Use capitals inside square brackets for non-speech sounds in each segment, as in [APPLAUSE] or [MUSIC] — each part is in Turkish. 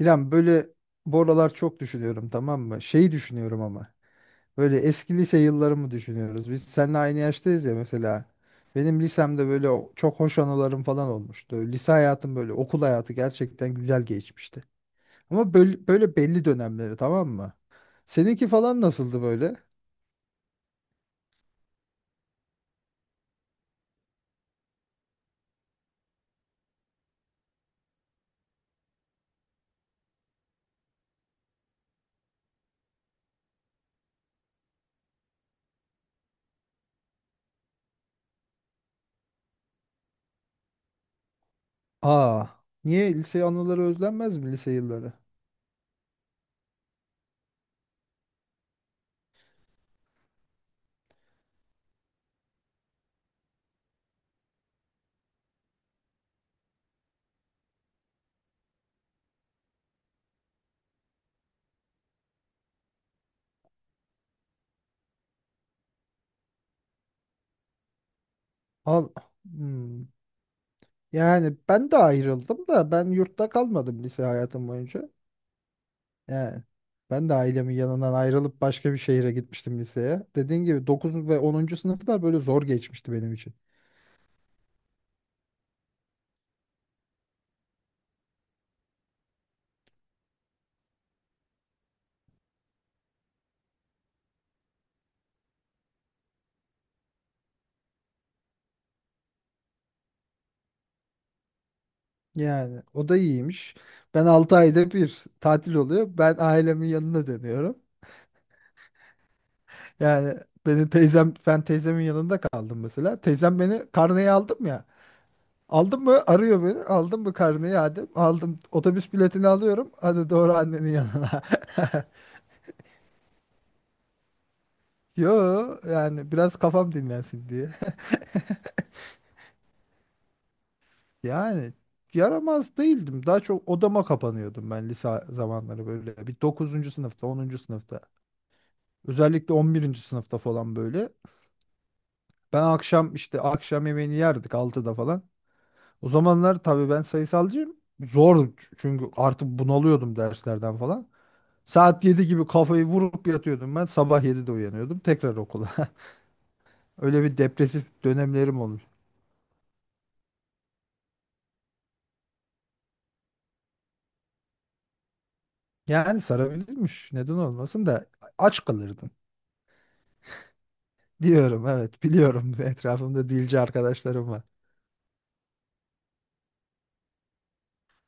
İrem böyle bu aralar çok düşünüyorum tamam mı? Şeyi düşünüyorum ama. Böyle eski lise yıllarımı düşünüyoruz. Biz seninle aynı yaştayız ya mesela. Benim lisemde böyle çok hoş anılarım falan olmuştu. Lise hayatım böyle okul hayatı gerçekten güzel geçmişti. Ama böyle belli dönemleri tamam mı? Seninki falan nasıldı böyle? Aa, niye lise anıları özlenmez mi lise yılları? Al, hmm. Yani ben de ayrıldım da ben yurtta kalmadım lise hayatım boyunca. Yani ben de ailemin yanından ayrılıp başka bir şehire gitmiştim liseye. Dediğim gibi 9 ve 10. sınıflar böyle zor geçmişti benim için. Yani o da iyiymiş. Ben 6 ayda bir tatil oluyor. Ben ailemin yanına dönüyorum. Yani ben teyzemin yanında kaldım mesela. Teyzem beni karneyi aldım ya. Aldın mı? Arıyor beni. Aldın mı karneyi Adem? Aldım. Otobüs biletini alıyorum. Hadi doğru annenin yanına. [LAUGHS] Yo yani biraz kafam dinlensin diye. [LAUGHS] Yani yaramaz değildim. Daha çok odama kapanıyordum ben lise zamanları böyle. Bir dokuzuncu sınıfta, onuncu sınıfta. Özellikle 11. sınıfta falan böyle. Ben akşam yemeğini yerdik altıda falan. O zamanlar tabii ben sayısalcıyım. Zor çünkü artık bunalıyordum derslerden falan. Saat 7 gibi kafayı vurup yatıyordum ben. Sabah 7'de uyanıyordum. Tekrar okula. [LAUGHS] Öyle bir depresif dönemlerim olmuş. Yani sarabilirmiş. Neden olmasın da aç kalırdın. Diyorum evet biliyorum. [LAUGHS] Etrafımda dilci arkadaşlarım var.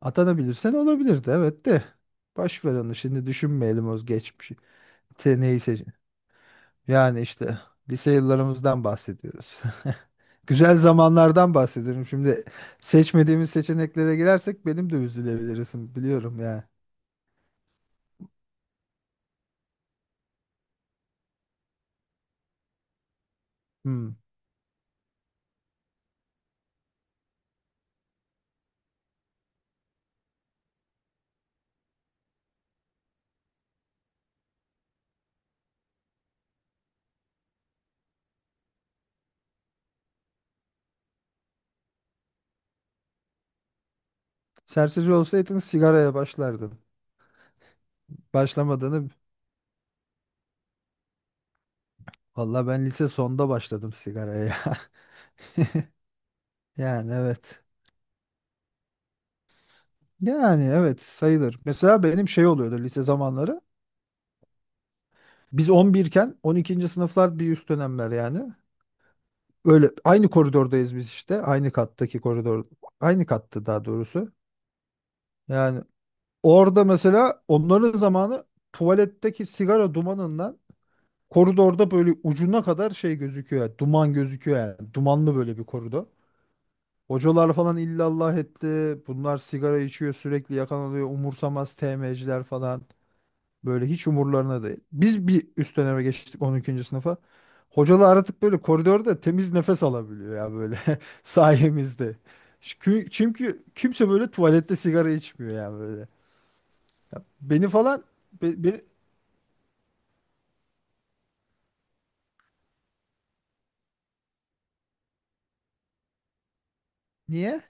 Atanabilirsen olabilirdi evet de. Boş ver onu şimdi düşünmeyelim o geçmişi. Seneyi seç. Yani işte lise yıllarımızdan bahsediyoruz. [LAUGHS] Güzel zamanlardan bahsediyorum. Şimdi seçmediğimiz seçeneklere girersek benim de üzülebilirsin biliyorum ya. Hmm. Serseri olsaydın sigaraya başlardın. Başlamadığını valla ben lise sonda başladım sigaraya. [LAUGHS] Yani evet. Yani evet sayılır. Mesela benim şey oluyordu lise zamanları. Biz 11 iken 12. sınıflar bir üst dönemler yani. Öyle aynı koridordayız biz işte. Aynı kattaki koridor. Aynı kattı daha doğrusu. Yani orada mesela onların zamanı tuvaletteki sigara dumanından koridorda böyle ucuna kadar şey gözüküyor. Yani duman gözüküyor yani. Dumanlı böyle bir koridor. Hocalar falan illallah etti. Bunlar sigara içiyor sürekli yakan oluyor. Umursamaz TM'ciler falan. Böyle hiç umurlarına değil. Biz bir üst döneme geçtik 12. sınıfa. Hocalar artık böyle koridorda temiz nefes alabiliyor ya böyle [LAUGHS] sayemizde. Çünkü kimse böyle tuvalette sigara içmiyor yani böyle. Ya beni falan be- beni- niye?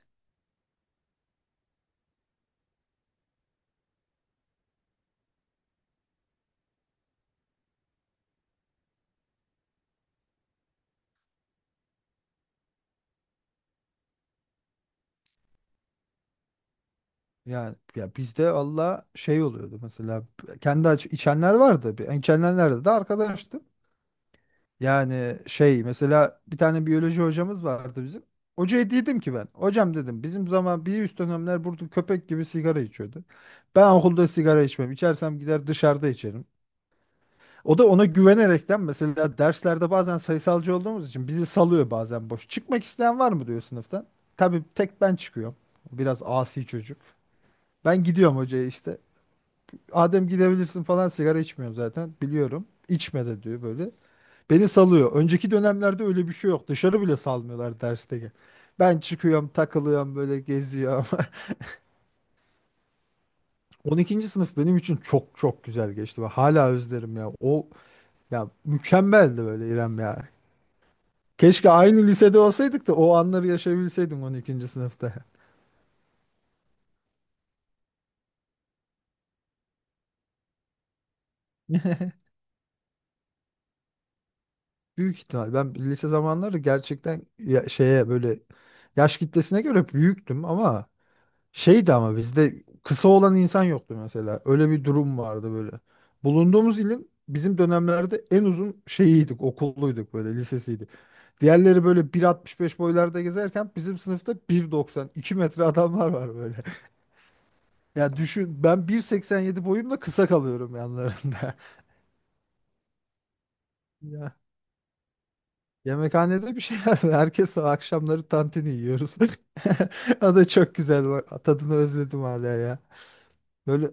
Yani ya bizde Allah şey oluyordu mesela kendi içenler vardı. Ben içenler nerede de arkadaştım. Yani şey mesela bir tane biyoloji hocamız vardı bizim. Hocaya dedim ki ben. Hocam dedim bizim zaman bir üst dönemler burada köpek gibi sigara içiyordu. Ben okulda sigara içmem. İçersem gider dışarıda içerim. O da ona güvenerekten mesela derslerde bazen sayısalcı olduğumuz için bizi salıyor bazen boş. Çıkmak isteyen var mı diyor sınıftan. Tabii tek ben çıkıyorum. Biraz asi çocuk. Ben gidiyorum hocaya işte. Adem gidebilirsin falan sigara içmiyorum zaten biliyorum. İçme de diyor böyle. Beni salıyor. Önceki dönemlerde öyle bir şey yok. Dışarı bile salmıyorlar dersteki. Ben çıkıyorum, takılıyorum, böyle geziyorum. [LAUGHS] 12. sınıf benim için çok çok güzel geçti. Ve hala özlerim ya. O ya mükemmeldi böyle İrem ya. Keşke aynı lisede olsaydık da o anları yaşayabilseydim 12. sınıfta. Büyük ihtimal. Ben lise zamanları gerçekten şeye böyle yaş kitlesine göre büyüktüm ama şeydi ama bizde kısa olan insan yoktu mesela. Öyle bir durum vardı böyle. Bulunduğumuz ilin bizim dönemlerde en uzun şeyiydik, okulluyduk böyle lisesiydi. Diğerleri böyle 1.65 boylarda gezerken bizim sınıfta 1.90, 2 metre adamlar var böyle. [LAUGHS] Ya düşün ben 1.87 boyumla kısa kalıyorum yanlarında. [LAUGHS] Ya, yemekhanede bir şey var. [LAUGHS] Herkes akşamları tantini yiyoruz. [LAUGHS] O da çok güzel. Bak, tadını özledim hala ya. Böyle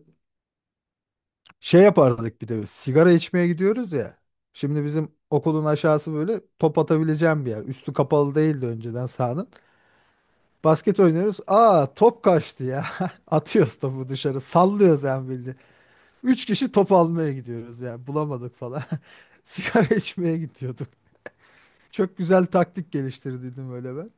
şey yapardık bir de sigara içmeye gidiyoruz ya. Şimdi bizim okulun aşağısı böyle top atabileceğim bir yer. Üstü kapalı değildi önceden sahanın. Basket oynuyoruz. Aa top kaçtı ya. [LAUGHS] Atıyoruz topu dışarı. Sallıyoruz yani bildiğin. Üç kişi top almaya gidiyoruz yani. Bulamadık falan. [LAUGHS] Sigara içmeye gidiyorduk. Çok güzel taktik geliştirdiydim öyle ben.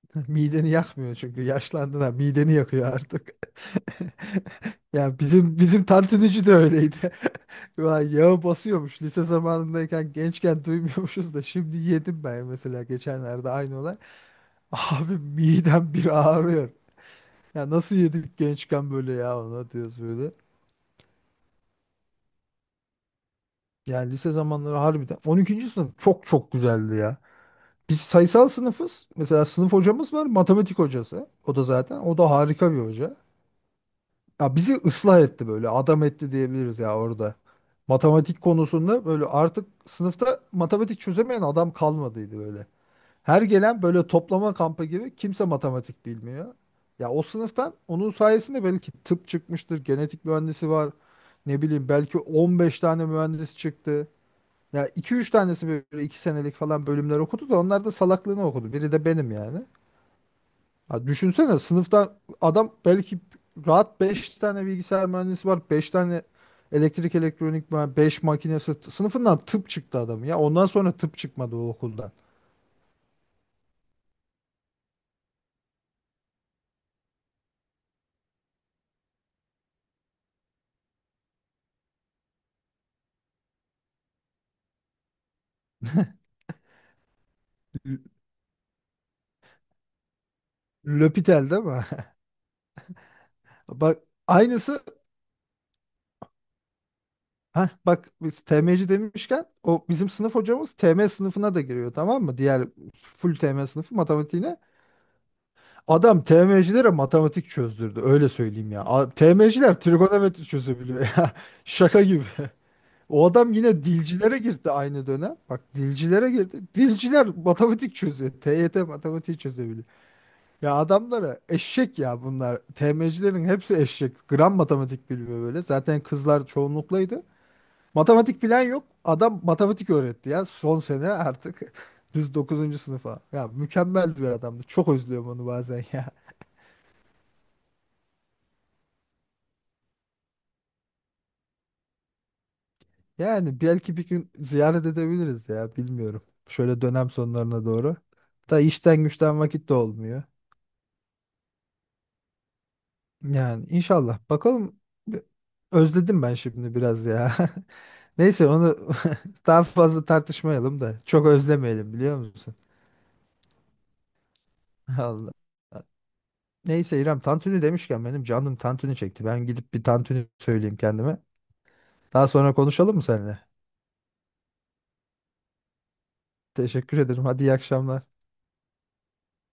[LAUGHS] Mideni yakmıyor çünkü yaşlandın ha mideni yakıyor artık. [LAUGHS] Ya bizim tantunici de öyleydi. [LAUGHS] Ulan yağı basıyormuş. Lise zamanındayken gençken duymuyormuşuz da şimdi yedim ben mesela geçenlerde aynı olay. Abi midem bir ağrıyor. Ya nasıl yedik gençken böyle ya ona diyoruz böyle. Yani lise zamanları harbiden 12. sınıf çok çok güzeldi ya. Biz sayısal sınıfız. Mesela sınıf hocamız var, matematik hocası. O da zaten o da harika bir hoca. Ya bizi ıslah etti böyle adam etti diyebiliriz ya orada. Matematik konusunda böyle artık sınıfta matematik çözemeyen adam kalmadıydı böyle. Her gelen böyle toplama kampı gibi kimse matematik bilmiyor. Ya o sınıftan onun sayesinde belki tıp çıkmıştır, genetik mühendisi var. Ne bileyim belki 15 tane mühendis çıktı. Ya iki üç tanesi böyle iki senelik falan bölümler okudu da onlar da salaklığını okudu. Biri de benim yani. Ya düşünsene sınıfta adam belki rahat 5 tane bilgisayar mühendisi var. Beş tane elektrik elektronik mühendisi, 5 makinesi. Sınıfından tıp çıktı adam ya. Ondan sonra tıp çıkmadı o okuldan. L- L'Hopital değil mi? [LAUGHS] Bak aynısı. Heh, bak biz TM'ci demişken o bizim sınıf hocamız TM sınıfına da giriyor tamam mı? Diğer full TM sınıfı matematiğine. Adam TM'cilere matematik çözdürdü öyle söyleyeyim ya. TM'ciler trigonometri çözebiliyor [LAUGHS] ya. Şaka gibi. O adam yine dilcilere girdi aynı dönem. Bak dilcilere girdi. Dilciler matematik çözüyor. TYT matematiği çözebiliyor. Ya adamlara eşek ya bunlar. TM'cilerin hepsi eşek. Gram matematik bilmiyor böyle. Zaten kızlar çoğunluklaydı. Matematik bilen yok. Adam matematik öğretti ya. Son sene artık [LAUGHS] düz dokuzuncu sınıfa. Ya mükemmel bir adamdı. Çok özlüyorum onu bazen ya. [LAUGHS] Yani belki bir gün ziyaret edebiliriz ya. Bilmiyorum. Şöyle dönem sonlarına doğru. Da işten güçten vakit de olmuyor. Yani inşallah. Bakalım. Özledim ben şimdi biraz ya. [LAUGHS] Neyse onu [LAUGHS] daha fazla tartışmayalım da. Çok özlemeyelim biliyor musun? [LAUGHS] Allah. Neyse İrem tantuni demişken benim canım tantuni çekti. Ben gidip bir tantuni söyleyeyim kendime. Daha sonra konuşalım mı seninle? Teşekkür ederim. Hadi iyi akşamlar.